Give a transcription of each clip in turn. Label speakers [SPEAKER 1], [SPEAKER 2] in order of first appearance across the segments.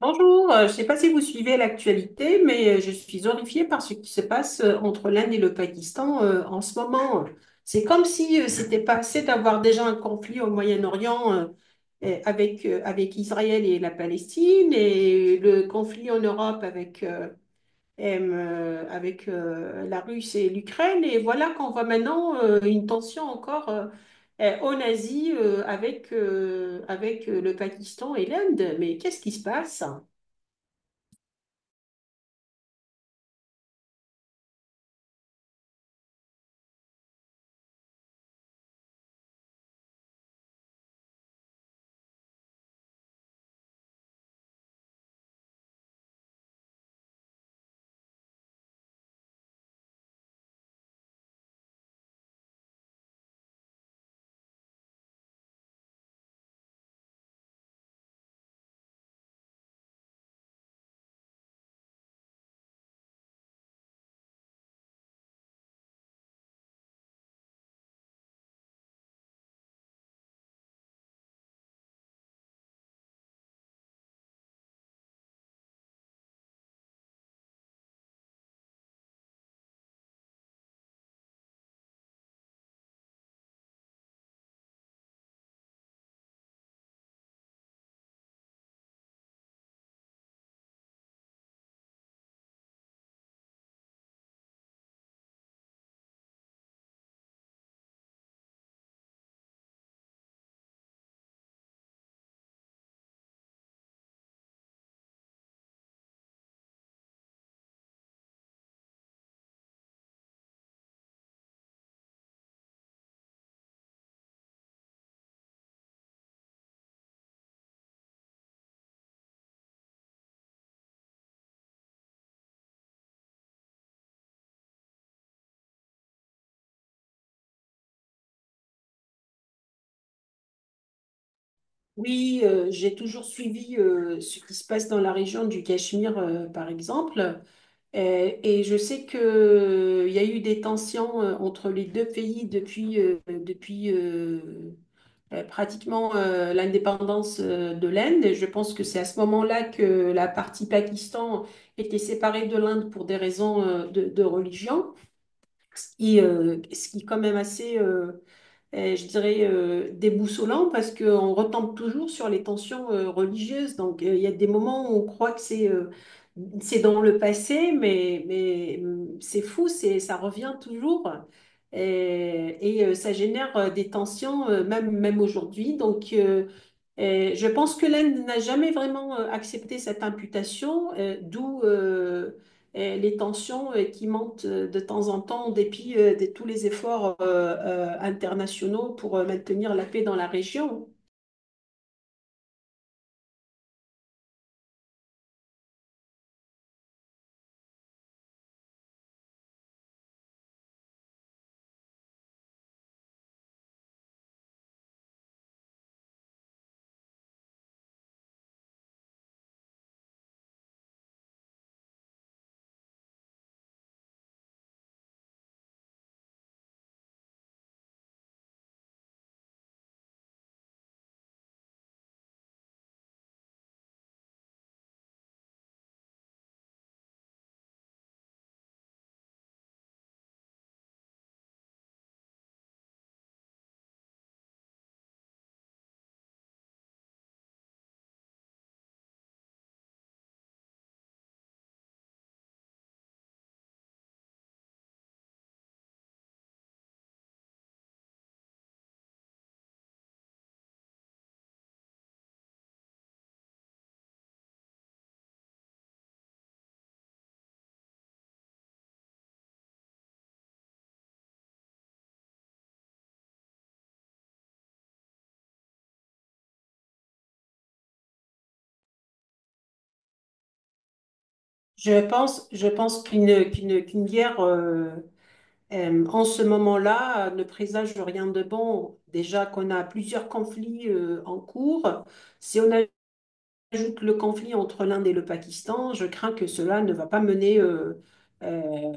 [SPEAKER 1] Bonjour, je ne sais pas si vous suivez l'actualité, mais je suis horrifiée par ce qui se passe entre l'Inde et le Pakistan en ce moment. C'est comme si c'était pas assez d'avoir déjà un conflit au Moyen-Orient et avec Israël et la Palestine, et le conflit en Europe avec la Russie et l'Ukraine. Et voilà qu'on voit maintenant une tension encore en Asie avec le Pakistan et l'Inde. Mais qu'est-ce qui se passe? Oui, j'ai toujours suivi ce qui se passe dans la région du Cachemire, par exemple. Et je sais que, il y a eu des tensions entre les deux pays depuis pratiquement l'indépendance de l'Inde. Et je pense que c'est à ce moment-là que la partie Pakistan était séparée de l'Inde pour des raisons de religion, ce qui est quand même assez, je dirais, déboussolant parce qu'on retombe toujours sur les tensions religieuses. Il y a des moments où on croit que c'est dans le passé, mais c'est fou, ça revient toujours. Ça génère des tensions, même aujourd'hui. Et je pense que l'Inde n'a jamais vraiment accepté cette imputation, d'où les tensions qui montent de temps en temps en dépit de tous les efforts internationaux pour maintenir la paix dans la région. Je pense qu'une guerre en ce moment-là ne présage rien de bon. Déjà qu'on a plusieurs conflits en cours. Si on a ajoute le conflit entre l'Inde et le Pakistan, je crains que cela ne va pas mener euh,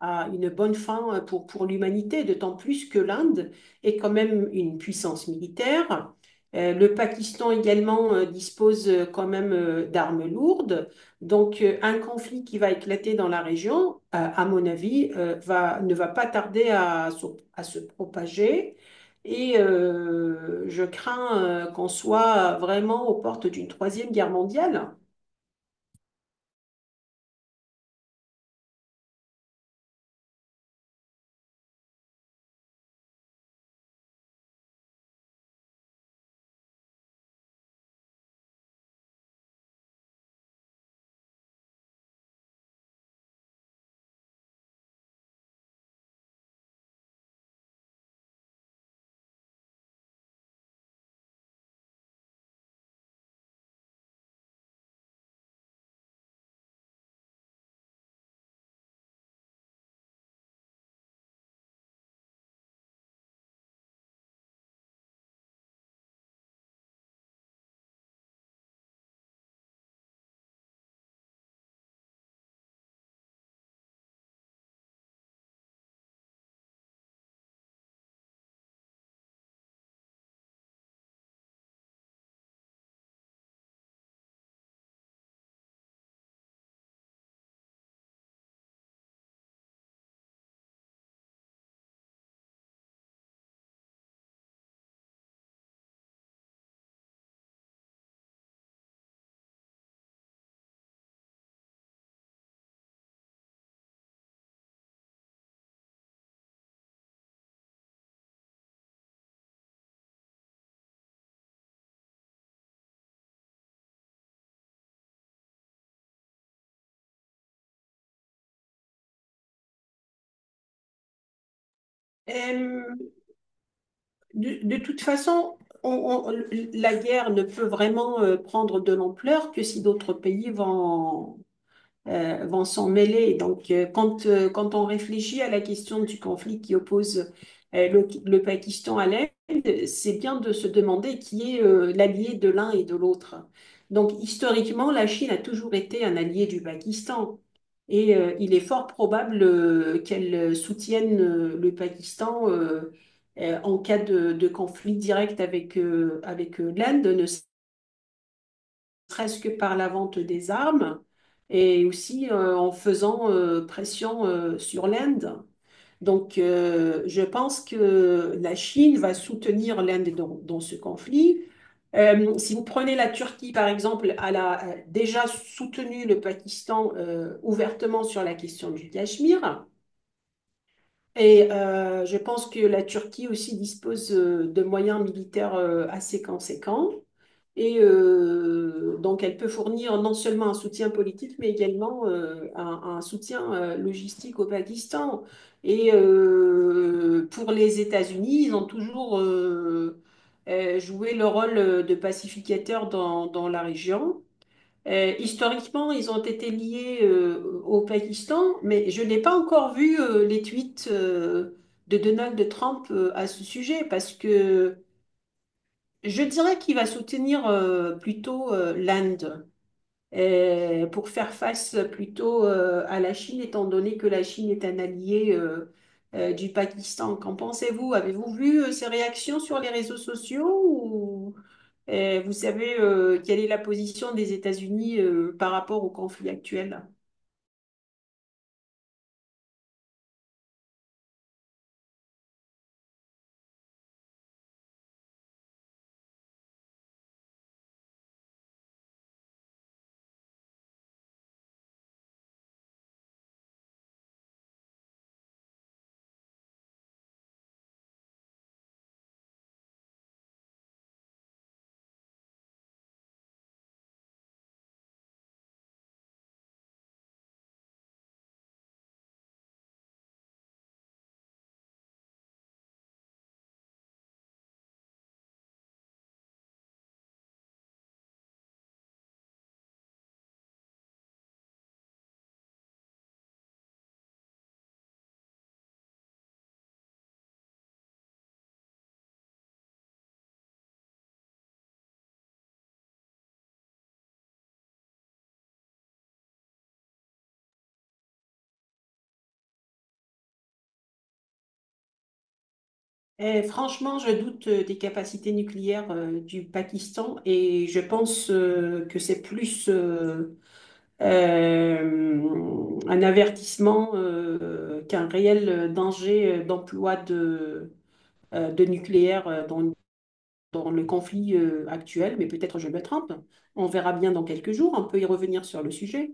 [SPEAKER 1] à une bonne fin pour l'humanité, d'autant plus que l'Inde est quand même une puissance militaire. Le Pakistan également dispose quand même d'armes lourdes. Un conflit qui va éclater dans la région, à mon avis, ne va pas tarder à se propager. Et je crains qu'on soit vraiment aux portes d'une troisième guerre mondiale. Euh, de toute façon, on- on- la guerre ne peut vraiment prendre de l'ampleur que si d'autres pays vont s'en mêler. Donc, quand on réfléchit à la question du conflit qui oppose le Pakistan à l'Inde, c'est bien de se demander qui est l'allié de l'un et de l'autre. Donc, historiquement, la Chine a toujours été un allié du Pakistan. Et il est fort probable qu'elle soutienne le Pakistan en cas de conflit direct avec l'Inde, ne serait-ce que par la vente des armes et aussi en faisant pression sur l'Inde. Je pense que la Chine va soutenir l'Inde dans ce conflit. Si vous prenez la Turquie, par exemple, elle a déjà soutenu le Pakistan ouvertement sur la question du Cachemire. Et je pense que la Turquie aussi dispose de moyens militaires assez conséquents. Et donc, elle peut fournir non seulement un soutien politique, mais également un soutien logistique au Pakistan. Et pour les États-Unis, ils ont toujours joué le rôle de pacificateur dans la région. Historiquement, ils ont été liés au Pakistan, mais je n'ai pas encore vu les tweets de Donald Trump à ce sujet, parce que je dirais qu'il va soutenir plutôt l'Inde pour faire face plutôt à la Chine, étant donné que la Chine est un allié du Pakistan. Qu'en pensez-vous? Avez-vous vu ses réactions sur les réseaux sociaux ou vous savez quelle est la position des États-Unis par rapport au conflit actuel? Eh, franchement, je doute des capacités nucléaires du Pakistan et je pense que c'est plus un avertissement qu'un réel danger d'emploi de nucléaire dans le conflit actuel, mais peut-être je me trompe. On verra bien dans quelques jours, on peut y revenir sur le sujet.